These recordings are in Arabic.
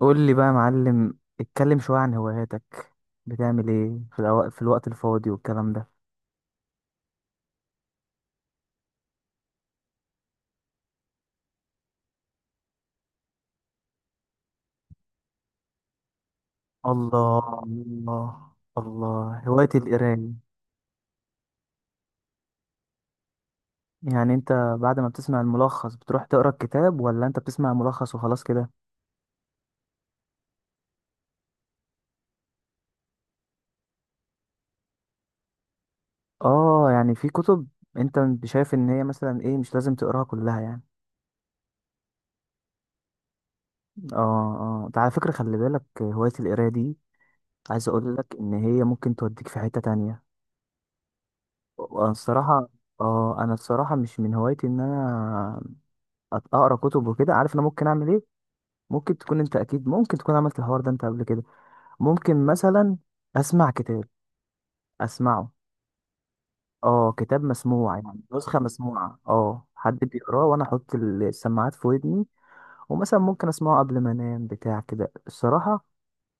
قول لي بقى يا معلم، اتكلم شوية عن هواياتك. بتعمل ايه في في الوقت الفاضي والكلام ده؟ الله، الله. الله، هواية القراية. يعني انت بعد ما بتسمع الملخص بتروح تقرا الكتاب ولا انت بتسمع الملخص وخلاص كده؟ اه، يعني في كتب، انت شايف ان هي مثلا ايه، مش لازم تقراها كلها يعني. اه، اه. ده على فكرة، خلي بالك هواية القراية دي، عايز اقول لك ان هي ممكن توديك في حتة تانية. وانا الصراحة، اه انا الصراحة مش من هوايتي ان انا اقرا كتب وكده، عارف انا ممكن اعمل ايه؟ ممكن تكون انت، اكيد ممكن تكون عملت الحوار ده انت قبل كده. ممكن مثلا اسمع كتاب، اسمعه. اه، كتاب مسموع يعني نسخه مسموعه، حد بيقراه وانا احط السماعات في ودني. ومثلا ممكن اسمعه قبل ما انام بتاع كده. الصراحه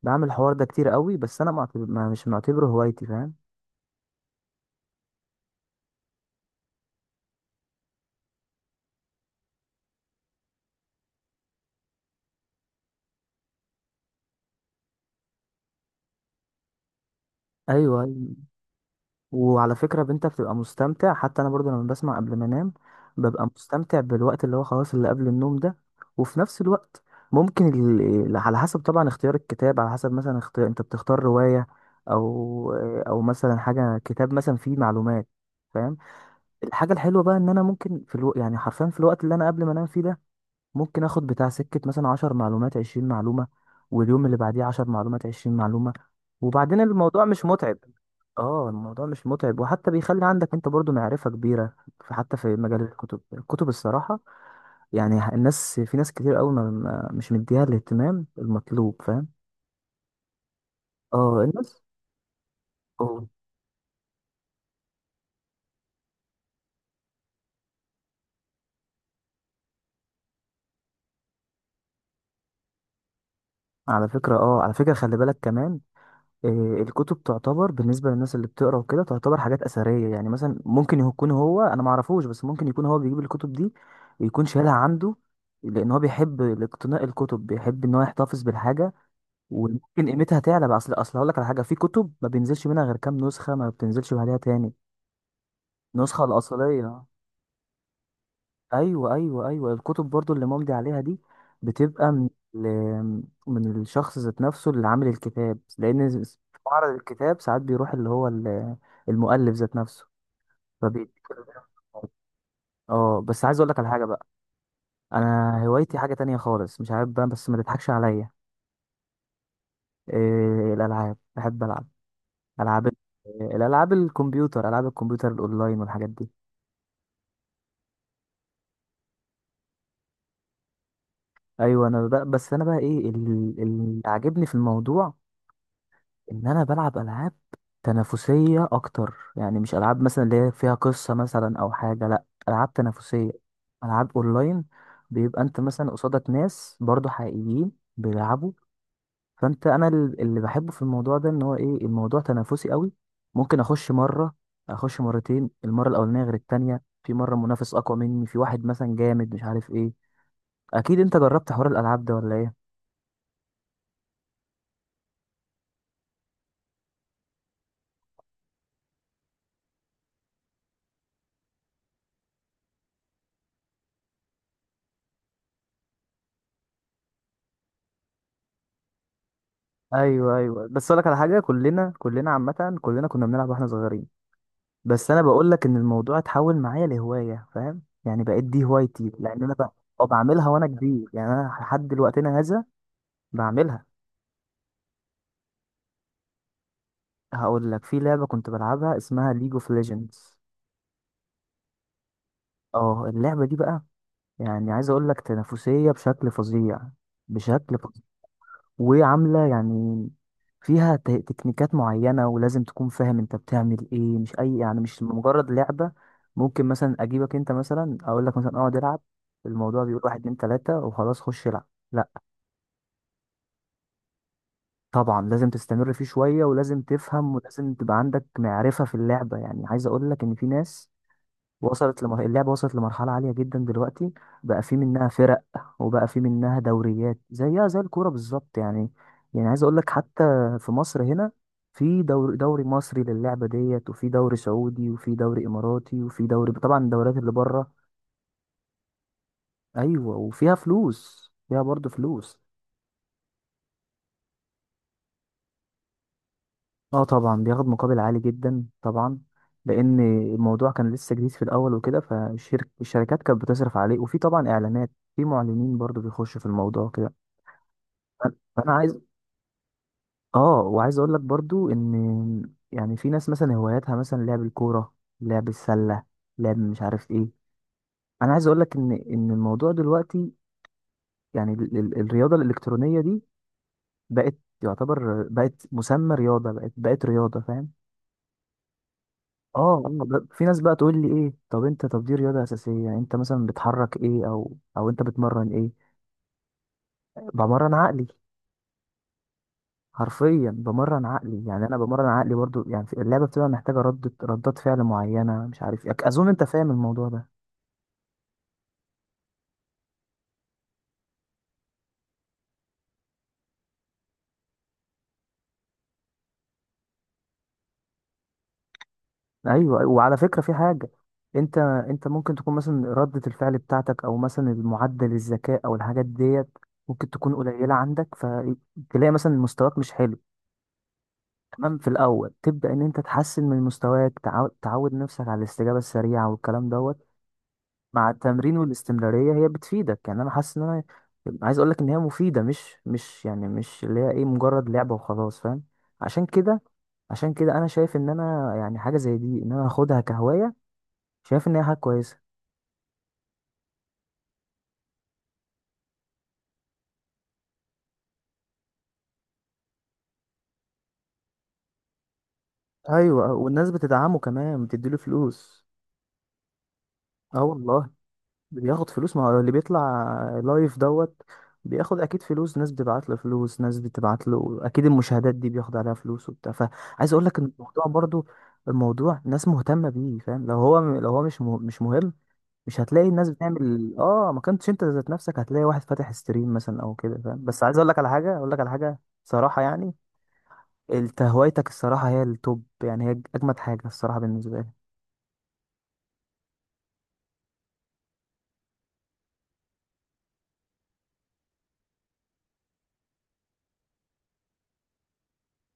بعمل الحوار ده كتير قوي، بس انا معتبر ما مش معتبره هوايتي، فاهم؟ ايوه. وعلى فكرة، انت بتبقى مستمتع، حتى انا برضو لما بسمع قبل ما انام ببقى مستمتع بالوقت اللي هو خلاص اللي قبل النوم ده. وفي نفس الوقت ممكن على حسب طبعا اختيار الكتاب، على حسب مثلا اختيار، انت بتختار رواية، او او مثلا حاجة، كتاب مثلا فيه معلومات، فاهم؟ الحاجة الحلوة بقى ان انا ممكن في يعني حرفيا في الوقت اللي انا قبل ما انام فيه ده، ممكن اخد بتاع سكة مثلا 10 معلومات، 20 معلومة، واليوم اللي بعديه 10 معلومات، عشرين معلومة، وبعدين الموضوع مش متعب. اه، الموضوع مش متعب، وحتى بيخلي عندك انت برضو معرفة كبيرة حتى في مجال الكتب. الصراحة، يعني الناس، في ناس كتير قوي مش مديها الاهتمام المطلوب، فاهم؟ اه الناس اه على فكرة، خلي بالك كمان، آه، الكتب تعتبر بالنسبة للناس اللي بتقرا وكده تعتبر حاجات أثرية. يعني مثلا ممكن يكون هو، أنا معرفوش، بس ممكن يكون هو بيجيب الكتب دي، يكون شايلها عنده، لأن هو بيحب اقتناء الكتب، بيحب إن هو يحتفظ بالحاجة. وممكن قيمتها تعلى بقى، أصل هقول لك على حاجة، في كتب ما بينزلش منها غير كام نسخة، ما بتنزلش بعدها تاني. النسخة الأصلية. ايوه، ايوه، ايوه، الكتب برضو اللي ممضي عليها دي بتبقى من من الشخص ذات نفسه اللي عامل الكتاب، لان في معرض الكتاب ساعات بيروح اللي هو المؤلف ذات نفسه، فبيديك اه بس عايز اقول لك على حاجه بقى. انا هوايتي حاجه تانية خالص، مش عارف بقى، بس ما تضحكش عليا. إيه؟ الالعاب، بحب العب. العاب ال- الالعاب الكمبيوتر العاب الكمبيوتر الاونلاين والحاجات دي. ايوه، انا بقى، بس انا بقى ايه اللي عاجبني في الموضوع ان انا بلعب العاب تنافسيه اكتر، يعني مش العاب مثلا اللي هي فيها قصه مثلا او حاجه، لا، العاب تنافسيه، العاب اونلاين، بيبقى انت مثلا قصادك ناس برضو حقيقيين بيلعبوا. اللي بحبه في الموضوع ده ان هو ايه، الموضوع تنافسي قوي. ممكن اخش مره، اخش مرتين، المره الاولانيه غير التانية، في مره منافس اقوى مني، في واحد مثلا جامد، مش عارف ايه. اكيد انت جربت حوار الالعاب ده ولا ايه؟ ايوه، ايوه، بس اقول لك على حاجه، كلنا عامه، كلنا كنا بنلعب واحنا صغيرين. بس انا بقول لك ان الموضوع اتحول معايا لهوايه، فاهم؟ يعني بقيت دي هوايتي، لان انا بقى بعملها وانا كبير، يعني انا لحد دلوقتنا هذا بعملها. هقول لك، في لعبه كنت بلعبها اسمها ليج اوف ليجندز. اه، اللعبه دي بقى يعني عايز اقول لك تنافسيه بشكل فظيع، بشكل فظيع، وعاملة يعني فيها تكنيكات معينة، ولازم تكون فاهم انت بتعمل ايه، مش اي، يعني مش مجرد لعبة. ممكن مثلا اجيبك انت مثلا، اقول لك مثلا اقعد العب، الموضوع بيقول واحد اتنين تلاتة وخلاص خش العب، لا. طبعا لازم تستمر فيه شوية، ولازم تفهم، ولازم تبقى عندك معرفة في اللعبة، يعني عايز اقول لك ان في ناس اللعبة وصلت لمرحلة عالية جدا دلوقتي. بقى في منها فرق، وبقى في منها دوريات زيها زي الكورة بالظبط يعني. يعني عايز اقول لك، حتى في مصر هنا في دوري مصري للعبة ديت، وفي دوري سعودي، وفي دوري اماراتي، وفي دوري طبعا الدوريات اللي بره. ايوه، وفيها فلوس، فيها برضه فلوس. اه، طبعا بياخد مقابل عالي جدا طبعا، لان الموضوع كان لسه جديد في الاول وكده، فالشركات كانت بتصرف عليه، وفي طبعا اعلانات، في معلنين برضه بيخشوا في الموضوع كده. انا عايز اه وعايز اقول لك برضو ان، يعني في ناس مثلا هواياتها مثلا لعب الكوره، لعب السله، لعب مش عارف ايه. انا عايز اقول لك ان الموضوع دلوقتي، يعني الرياضه الالكترونيه دي بقت، يعتبر بقت مسمى رياضه، بقت رياضه، فاهم. اه، في ناس بقى تقول لي ايه؟ طب انت، طب دي رياضه اساسيه يعني، انت مثلا بتحرك ايه، او انت بتمرن ايه؟ بمرن عقلي، حرفيا بمرن عقلي، يعني انا بمرن عقلي برضو، يعني اللعبه بتبقى محتاجه ردات فعل معينه، مش عارف إيه. اظن انت فاهم الموضوع ده. ايوه، أيوة. وعلى فكره في حاجه، انت ممكن تكون مثلا ردة الفعل بتاعتك، او مثلا المعدل الذكاء او الحاجات ديت ممكن تكون قليله عندك، فتلاقي مثلا مستواك مش حلو. تمام، في الاول تبدا ان انت تحسن من مستواك، تعود نفسك على الاستجابه السريعه والكلام دوت. مع التمرين والاستمرارية هي بتفيدك. يعني انا حاسس ان انا، عايز اقول لك ان هي مفيدة، مش يعني مش اللي هي ايه مجرد لعبة وخلاص، فاهم؟ عشان كده، عشان كده، انا شايف ان انا يعني حاجة زي دي ان انا اخدها كهواية، شايف ان هي حاجة كويسة. ايوه، والناس بتدعمه كمان بتديله فلوس. اه والله، بياخد فلوس، ما هو اللي بيطلع لايف دوت بياخد اكيد فلوس. ناس بتبعت له فلوس، ناس بتبعت له، اكيد المشاهدات دي بياخد عليها فلوس وبتاع، فعايز اقول لك ان الموضوع برضو، الموضوع ناس مهتمه بيه، فاهم؟ لو هو، مش مش مهم، مش هتلاقي الناس بتعمل اه، ما كنتش انت ذات نفسك هتلاقي واحد فاتح ستريم مثلا او كده، فاهم. بس عايز اقول لك على حاجه، صراحه يعني، انت هوايتك الصراحه هي التوب، يعني هي اجمد حاجه الصراحه بالنسبه لي.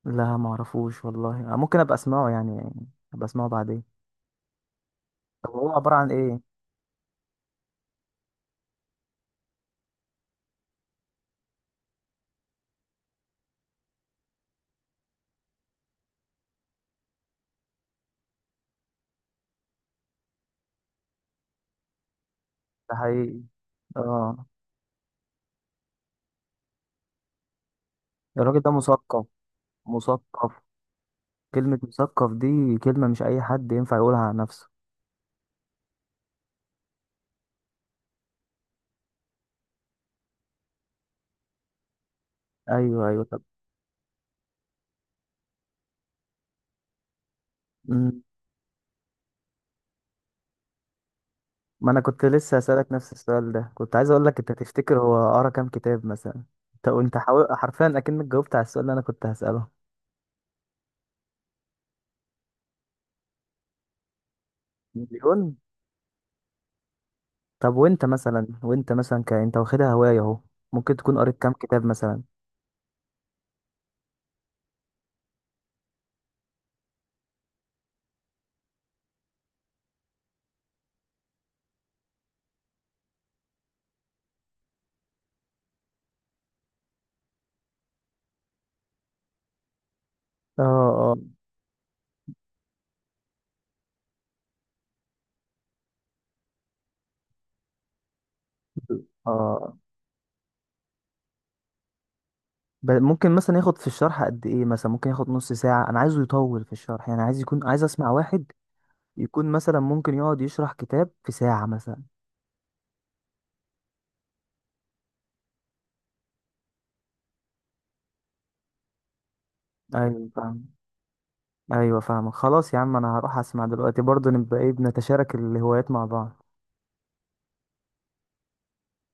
لا، ما اعرفوش والله، ممكن ابقى اسمعه يعني ابقى اسمعه بعدين. طب هو عبارة عن إيه؟ ده حقيقي. آه، الراجل ده مثقف، مثقف. كلمة مثقف دي كلمة مش أي حد ينفع يقولها عن نفسه. أيوه، أيوه، طب. مم. ما أنا كنت لسه هسألك نفس السؤال ده، كنت عايز أقول لك أنت تفتكر هو قرا كام كتاب مثلا. طب، وأنت حرفيا أكنك جاوبت على السؤال اللي أنا كنت هسأله. مليون؟ طب، وأنت مثلا، أنت واخدها هواية أهو، ممكن تكون قريت كام كتاب مثلا؟ آه، آه، آه. ممكن مثلا ياخد في الشرح قد ايه؟ مثلا ممكن ياخد نص ساعة؟ انا عايزه يطول في الشرح، يعني عايز يكون، عايز اسمع واحد يكون مثلا ممكن يقعد يشرح كتاب في ساعة مثلا. ايوه، فاهم. ايوه، فاهم، خلاص يا عم، انا هروح اسمع دلوقتي برضه، نبقى ايه، بنتشارك الهوايات مع بعض.